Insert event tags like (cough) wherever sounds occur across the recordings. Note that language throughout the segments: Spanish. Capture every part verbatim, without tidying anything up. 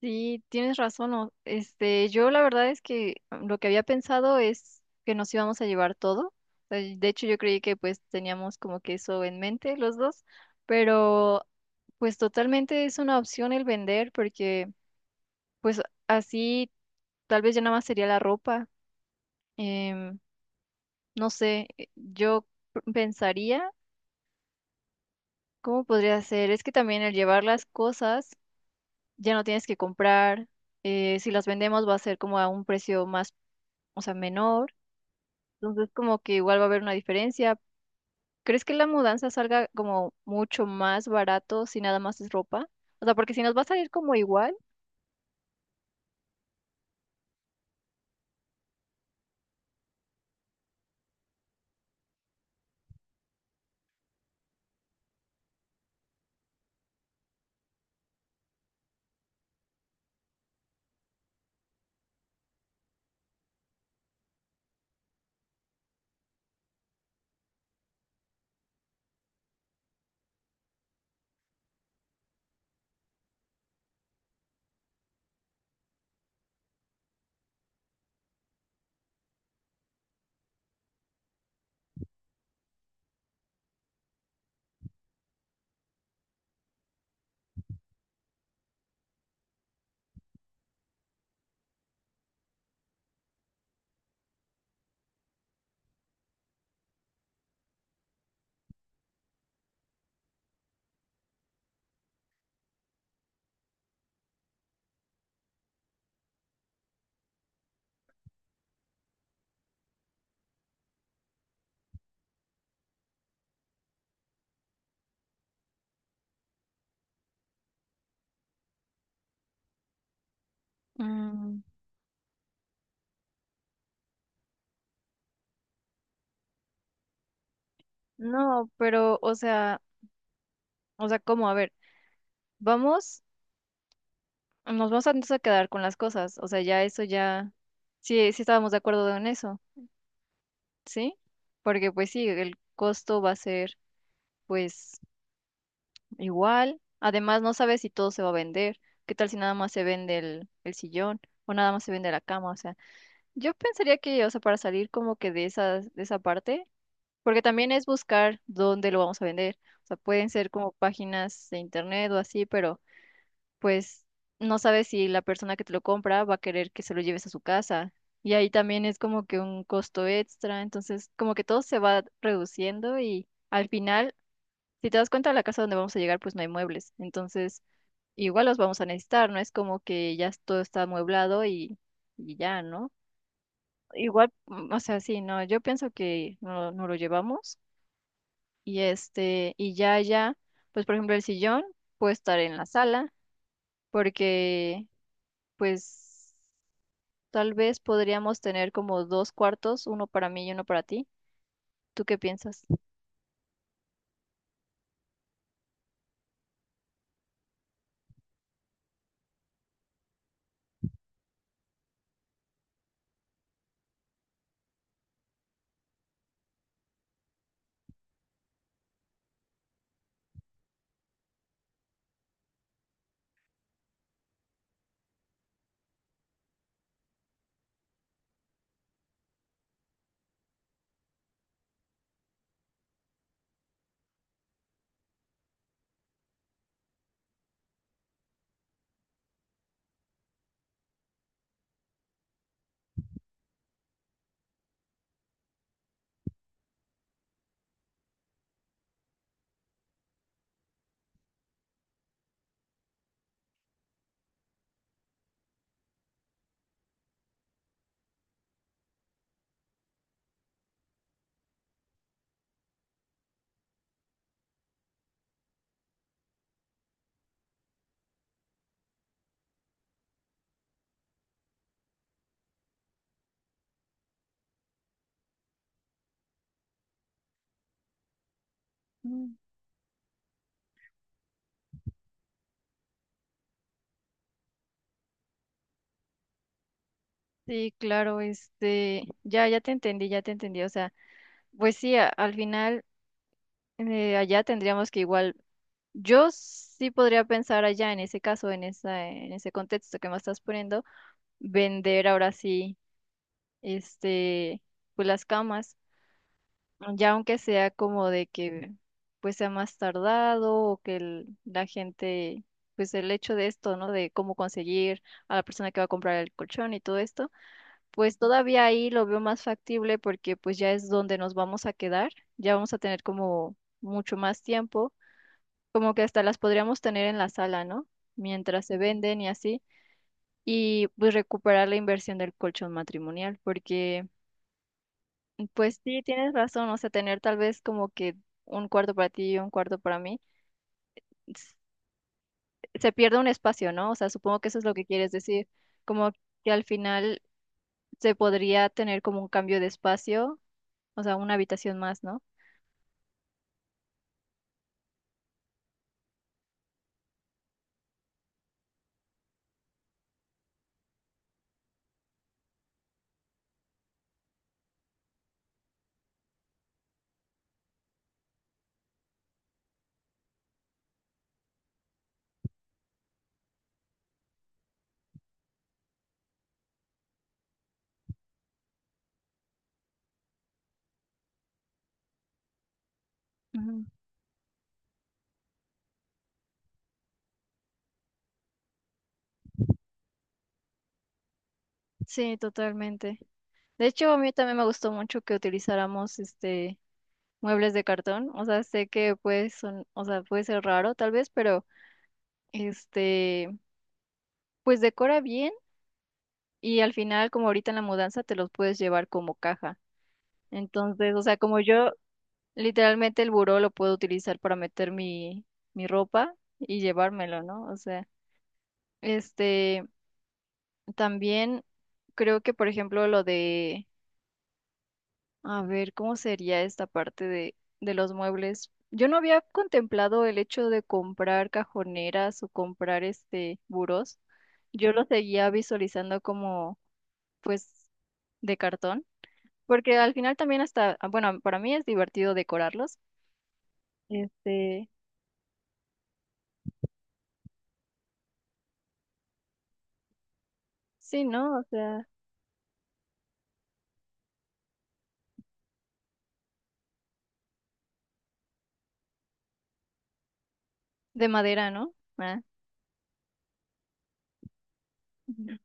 Sí, tienes razón. o- Este, yo la verdad es que mm, lo que había pensado es que nos íbamos a llevar todo. Eh, De hecho, yo creí que pues teníamos como que eso en mente los dos, pero pues totalmente es una opción el vender porque pues así tal vez ya nada más sería la ropa. Em, no sé, eh, yo p- pensaría cómo podría ser. Es que también el llevar las cosas ya no tienes que comprar. eh, si las vendemos va a ser como a un precio más, o sea, menor. Entonces, como que igual va a haber una diferencia. ¿Crees que la mudanza salga como mucho más barato si nada más es ropa? O sea, porque si nos va a salir como igual, mm, no, pero, o sea, o sea, ¿cómo? A ver, vamos, nos vamos a, entonces a quedar con las cosas. O sea, ya eso ya, sí, sí estábamos de acuerdo en eso, ¿sí? Porque pues sí, el costo va a ser pues igual. Además, no sabes si todo se va a vender. ¿Qué tal si nada más se vende el, el sillón o nada más se vende la cama? O sea. Yo pensaría que, o sea, para salir como que de esas, de esa parte, porque también es buscar dónde lo vamos a vender. O sea, pueden ser como páginas de internet o así, pero pues no sabes si la persona que te lo compra va a querer que se lo lleves a su casa. Y ahí también es como que un costo extra. Entonces, como que todo se va reduciendo y al final, si te das cuenta, la casa donde vamos a llegar, pues no hay muebles. Entonces, igual los vamos a necesitar, no es como que ya todo está amueblado y, y ya, ¿no? Igual, mm, o sea, sí, no, yo pienso que no, no lo llevamos y este, y ya, ya, pues por ejemplo el sillón puede estar en la sala porque pues tal vez podríamos tener como dos cuartos, uno para mí y uno para ti. ¿Tú qué piensas? Mm, Sí, claro, este, ya, ya te entendí, ya te entendí, o sea, pues sí, a- al final eh, allá tendríamos que igual, yo sí podría pensar allá en ese caso, en esa, en ese contexto que me estás poniendo vender ahora sí, este, pues las camas, ya aunque sea como de que pues sea más tardado o que el- la gente, pues el hecho de esto, ¿no? De cómo conseguir a la persona que va a comprar el colchón y todo esto, pues todavía ahí lo veo más factible porque pues ya es donde nos vamos a quedar, ya vamos a tener como mucho más tiempo, como que hasta las podríamos tener en la sala, ¿no? Mientras se venden y así y pues recuperar la inversión del colchón matrimonial, porque pues sí, tienes razón, o sea, tener tal vez como que un cuarto para ti y un cuarto para mí, s- se pierde un espacio, ¿no? O sea, supongo que eso es lo que quieres decir, como que al final se podría tener como un cambio de espacio, o sea, una habitación más, ¿no? Ujú. Sí, totalmente. De hecho, a mí también me gustó mucho que utilizáramos este muebles de cartón, o sea, sé que pues son, o sea, puede ser raro tal vez, pero este, pues decora bien y al final como ahorita en la mudanza te los puedes llevar como caja. Entonces, o sea, como yo literalmente el buró lo puedo utilizar para meter mi, mi ropa y llevármelo, ¿no? O sea, este, también creo que, por ejemplo, lo de, a ver, ¿cómo sería esta parte de, de los muebles? Yo no había contemplado el hecho de comprar cajoneras o comprar este burós. Yo lo seguía visualizando como, pues, de cartón, porque al final también hasta, ah, bueno, para mí es divertido decorarlos. Este, Sí, ¿no? O sea, de madera, ¿no? Ah. (laughs)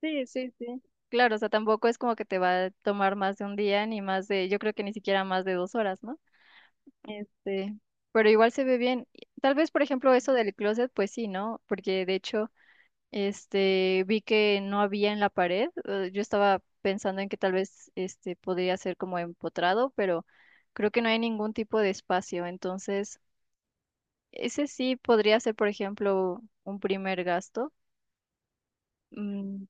Sí, sí, sí. Claro, o sea, tampoco es como que te va a tomar más de un día, ni más de, yo creo que ni siquiera más de dos horas, ¿no? Este, pero igual se ve bien. Y Tal vez, por ejemplo, eso del closet, pues sí, ¿no? Porque de hecho, este, vi que no había en la pared. eh, Yo estaba pensando en que tal vez, este, podría ser como empotrado, pero creo que no hay ningún tipo de espacio. Entonces, ese sí podría ser, por ejemplo, un primer gasto. Mm,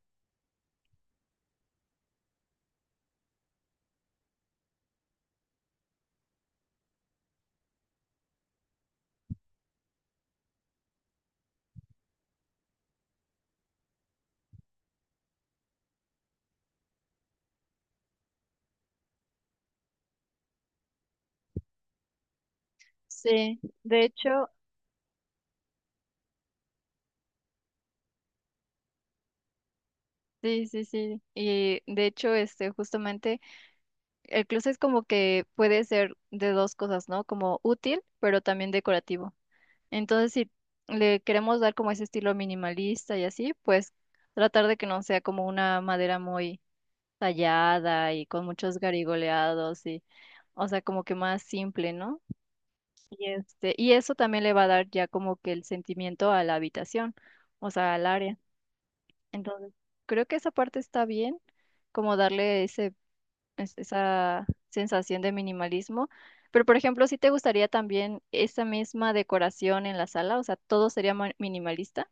sí, de hecho, sí, sí, sí. Y de hecho, este, justamente, el closet como que puede ser de dos cosas, ¿no? Como útil, pero también decorativo. Entonces, si le queremos dar como ese estilo minimalista y así, pues tratar de que no sea como una madera muy tallada y con muchos garigoleados y, o sea, como que más simple, ¿no? Y este, y eso también le va a dar ya como que el sentimiento a la habitación, o sea, al área. Entonces, creo que esa parte está bien, como darle ese, es- esa sensación de minimalismo. ¿Pero, por ejemplo, si te gustaría también esa misma decoración en la sala? O sea, ¿todo sería ma- minimalista?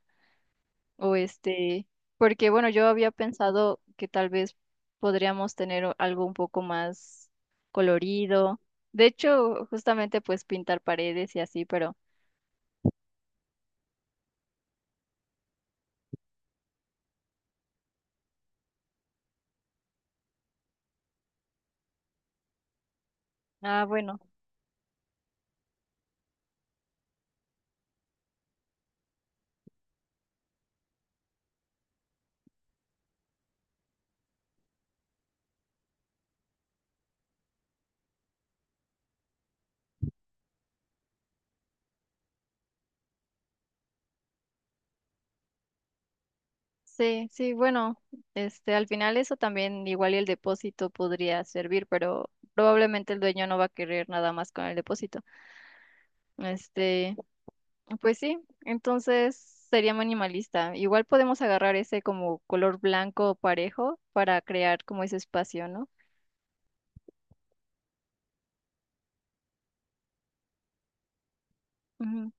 O este, porque bueno, yo había pensado que tal vez podríamos tener o- algo un poco más colorido. De hecho, justamente pues pintar paredes y así, pero, ah, bueno. Sí, sí, bueno, este, al final eso también igual y el depósito podría servir, pero probablemente el dueño no va a querer nada más con el depósito. Este, pues sí, entonces sería minimalista. Igual podemos agarrar ese como color blanco parejo para crear como ese espacio, ¿no? Ujú.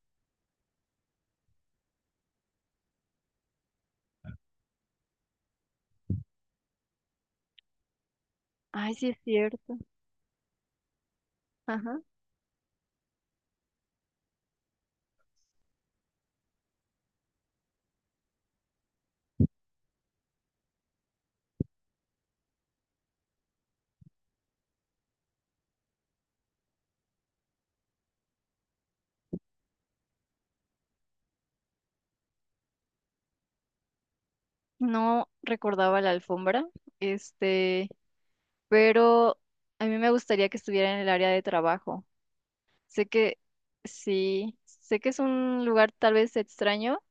Ay, sí es cierto. Ajá. No recordaba la alfombra, este, pero a mí me gustaría que estuviera en el área de trabajo. Sé que sí, sé que es un lugar tal vez extraño,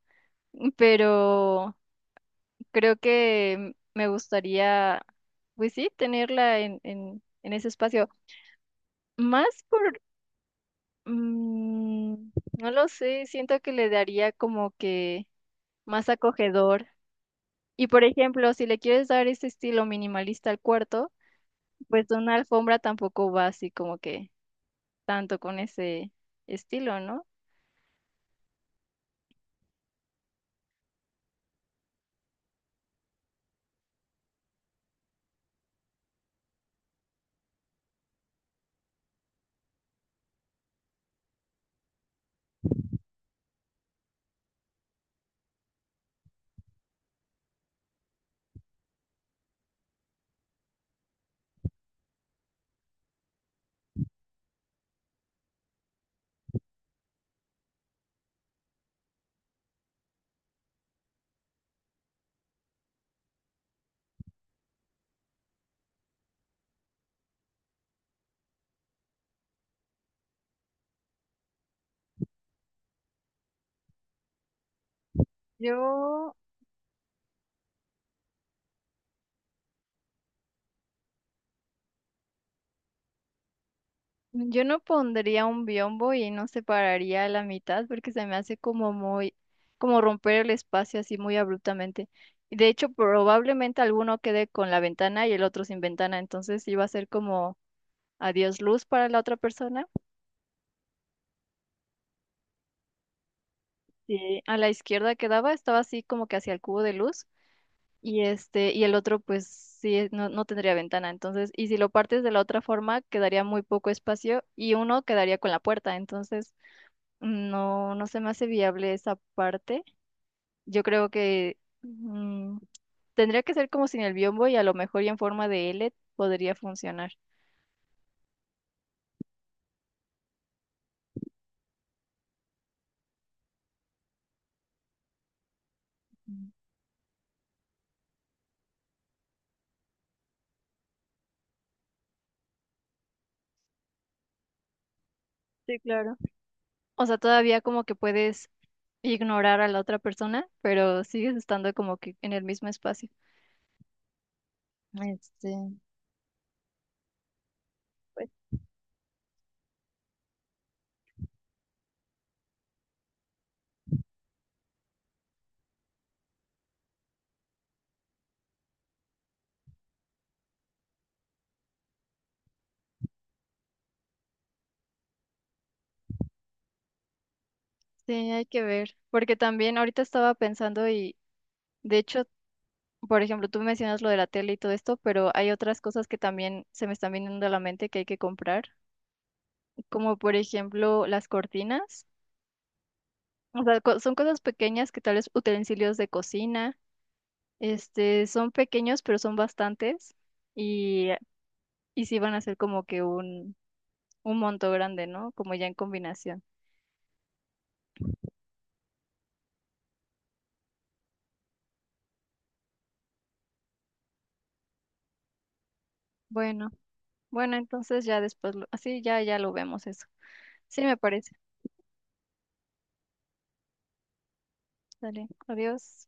pero creo que me gustaría, pues sí, tenerla en, en, en ese espacio. Más por, mm, no lo sé, siento que le daría como que más acogedor. Y por ejemplo, si le quieres dar ese estilo minimalista al cuarto, pues una alfombra tampoco va así como que tanto con ese estilo, ¿no? Yo Yo no pondría un biombo y no separaría a la mitad porque se me hace como muy, como romper el espacio así muy abruptamente. Y de hecho, probablemente alguno quede con la ventana y el otro sin ventana, entonces iba a ser como adiós luz para la otra persona. Sí. A la izquierda quedaba, estaba así como que hacia el cubo de luz y este y el otro pues sí no, no tendría ventana, entonces y si lo partes de la otra forma quedaría muy poco espacio y uno quedaría con la puerta, entonces No, no se me hace viable esa parte. Yo creo que mm, tendría que ser como sin el biombo y a lo mejor y en forma de ele podría funcionar. Mm. Sí, claro. O sea, todavía como que puedes ignorar a la otra persona, pero sigues estando como que en el mismo espacio. Este, Pues sí, hay que ver. Porque también ahorita estaba pensando y de hecho, por ejemplo, tú mencionas lo de la tele y todo esto, pero hay otras cosas que también se me están viniendo a la mente que hay que comprar. como por ejemplo las cortinas. O sea, co- son cosas pequeñas que tal vez utensilios de cocina, este, son pequeños, pero son bastantes y, y sí van a ser como que un, un, monto grande, ¿no? Como ya en combinación. Bueno, bueno, entonces ya después, lo- así ya, ya lo vemos eso. Sí, me parece. Dale, adiós.